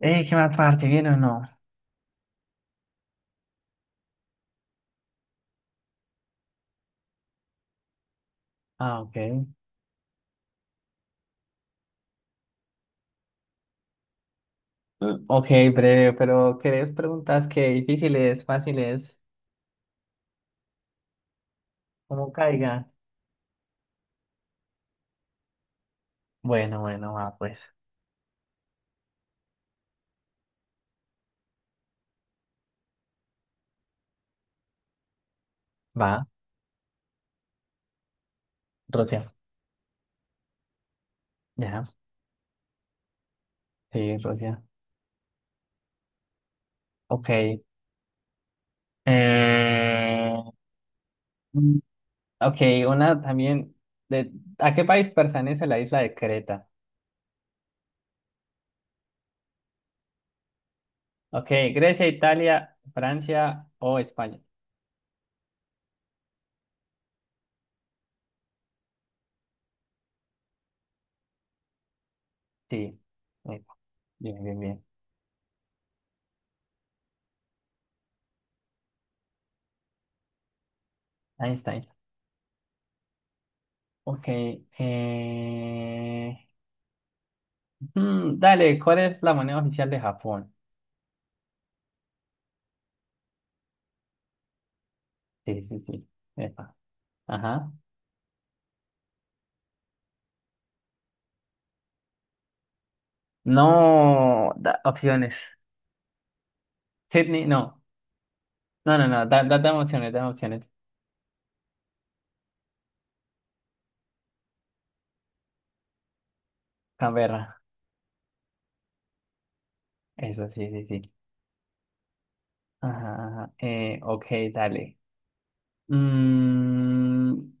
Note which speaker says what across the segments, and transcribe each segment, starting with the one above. Speaker 1: ¿Qué más parte? ¿Bien o no? Ah, ok. Ok, breve, pero ¿querés preguntas que difíciles, fáciles, como caiga? Bueno, bueno, va, pues. Va, Rusia. Ya, sí, Rusia. Ok. Eh... mm, Ok, una también. De... ¿A qué país pertenece la isla de Creta? Ok, Grecia, Italia, Francia o España. Sí. Eh, Bien, bien, bien. Einstein. Ok. Eh... dale, ¿cuál es la moneda oficial de Japón? Sí, sí, sí. Epa. Ajá. No, opciones. Sydney, no. No, no, no. Dame opciones, dame opciones. Canberra. Eso, sí, sí, sí. Ajá, ajá. Ok, dale. Mm,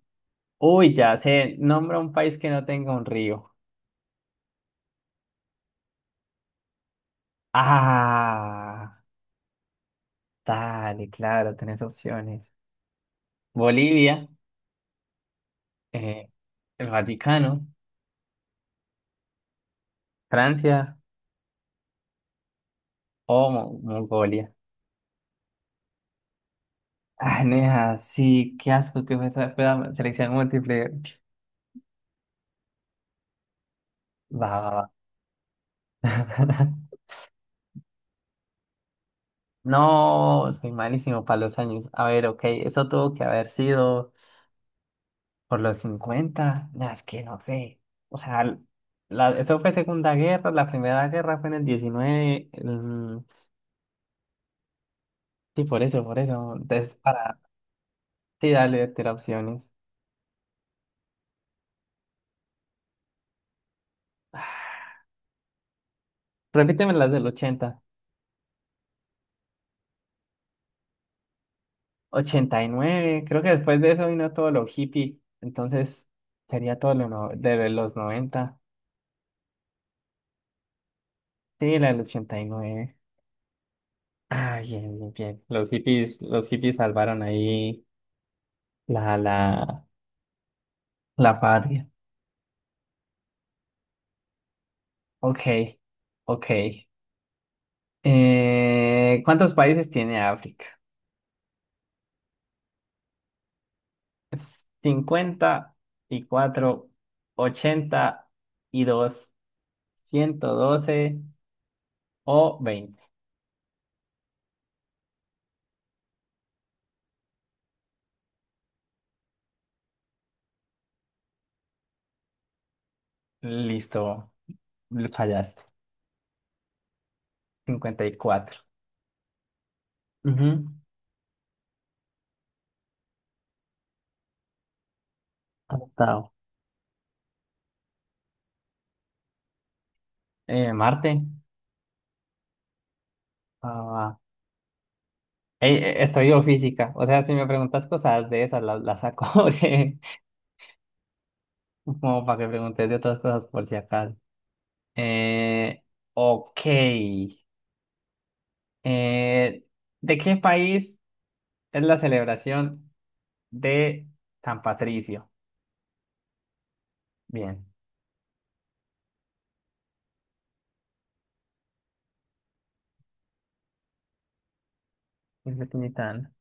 Speaker 1: uy, ya sé. Nombra un país que no tenga un río. Ah, dale, claro, tenés opciones. Bolivia, eh, el Vaticano, Francia o Mongolia. Ah, nea, sí, qué asco que fue esa fue selección múltiple. Va, va, va. No, soy malísimo para los años. A ver, ok, eso tuvo que haber sido por los cincuenta. Nah, es que no sé. O sea, eso fue Segunda Guerra, la Primera Guerra fue en el diecinueve, sí, por eso, por eso. Entonces, para, sí, dale, te opciones. Ah, repíteme las del ochenta. 89 creo que después de eso vino todo lo hippie, entonces sería todo lo no- de los noventa. Sí, la del 89. Ah, bien, bien, bien. Los hippies salvaron ahí la, la, la patria. Ok, ok. ¿Cuántos países tiene África? Cincuenta y cuatro, 82, 112 o 20. Listo, fallaste. 54. Ujú, aceptado. Marte. Ah, va. Ey, estudio física. O sea, si me preguntas cosas de esas, las saco. Como para que preguntes de otras cosas por si acaso. Eh, ok. Eh, ¿De qué país es la celebración de San Patricio? Bien. Siempre tiene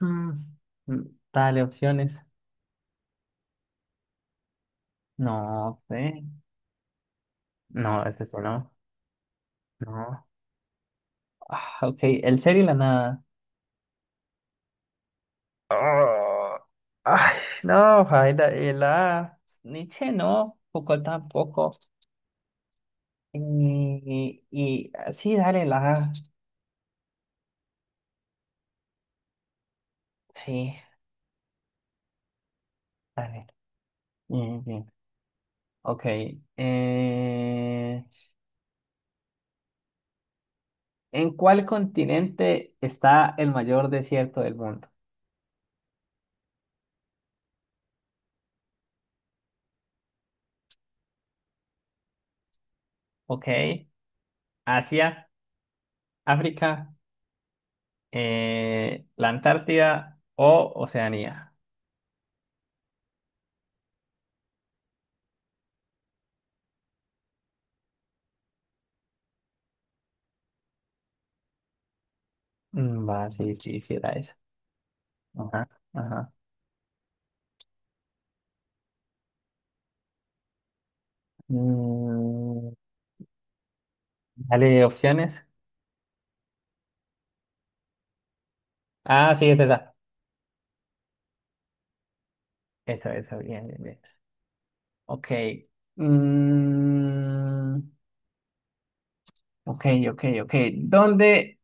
Speaker 1: Mm, mm, Dale opciones. No sé. No, es eso no. No. Ah, ok. El ser y la nada. Oh, ay, no, Jaira, la Nietzsche no, Foucault tampoco. Y ah, sí, dale, la sí, dale. Bien, bien. Ok. eh, ¿En cuál continente está el mayor desierto del mundo? Ok. Asia, África, la Antártida o Oceanía. Va, sí, sí, sí, era esa. Ajá, ajá. Mm, dale opciones. Ah, sí, es esa. Esa, bien, bien, bien. Ok. Mm, ok, ok, ok. ¿Dónde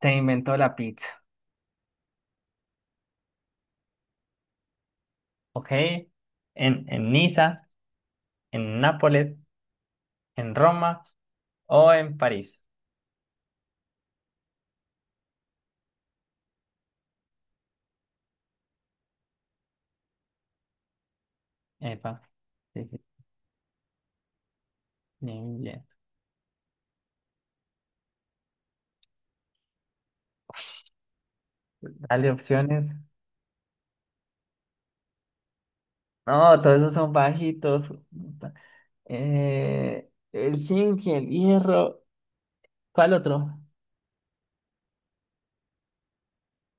Speaker 1: se inventó la pizza? Ok. ¿En Niza, en Nápoles, en Roma o en París? Epa. Sí, sí, bien, bien. Dale opciones. No, todos esos son bajitos. Puta. El zinc y el hierro. ¿Cuál otro?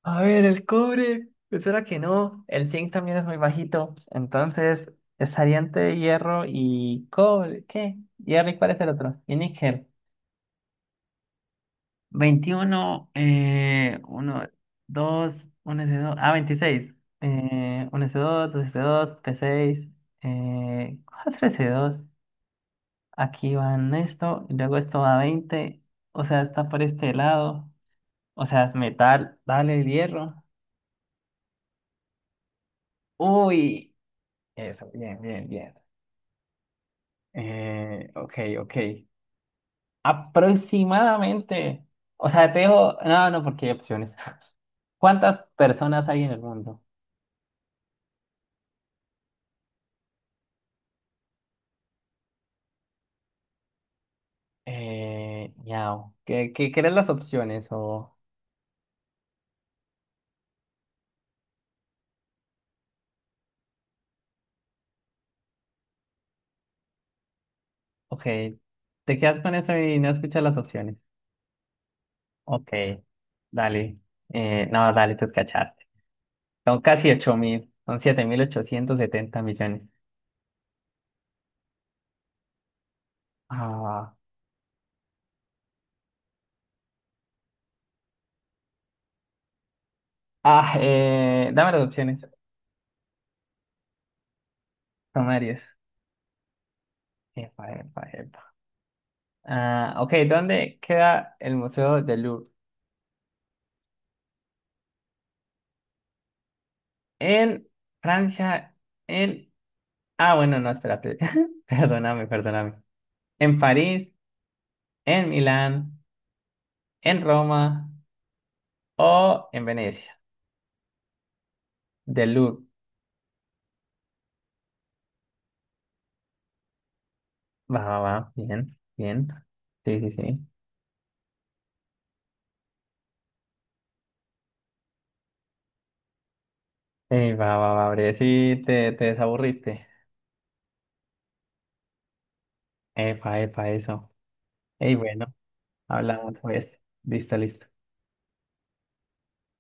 Speaker 1: A ver, el cobre, pues era que no. El zinc también es muy bajito. Entonces, estaría entre hierro y cobre. ¿Qué? ¿Hierro y cuál es el otro? Y níquel. 21, uno dos uno s dos. Ah, 26. Uno s dos dos s dos p seis, cuatro s dos. Aquí van esto, y luego esto va a veinte. O sea, está por este lado. O sea, es metal. Dale el hierro. Uy. Eso, bien, bien, bien. Ok, ok. Aproximadamente, o sea, te dejo, no, no, porque hay opciones. ¿Cuántas personas hay en el mundo? Miau. ¿Qué eran las opciones? Ok, te quedas con eso y no escuchas las opciones. Ok, dale. No, dale, te escachaste. Son casi 8 mil, son 7.870 millones. Ah, dame las opciones. Son varias. Epa, epa, epa. Ah, ok, ¿dónde queda el Museo del Louvre? En Francia, en... Ah, bueno, no, espérate. Perdóname, perdóname. ¿En París, en Milán, en Roma o en Venecia? Del Louvre. Va, va, va. Bien, bien. Sí, sí, sí. Ey, va, va, va, bre. Sí, te desaburriste. Epa, epa, eso. Ey, bueno, hablamos pues. Listo, listo.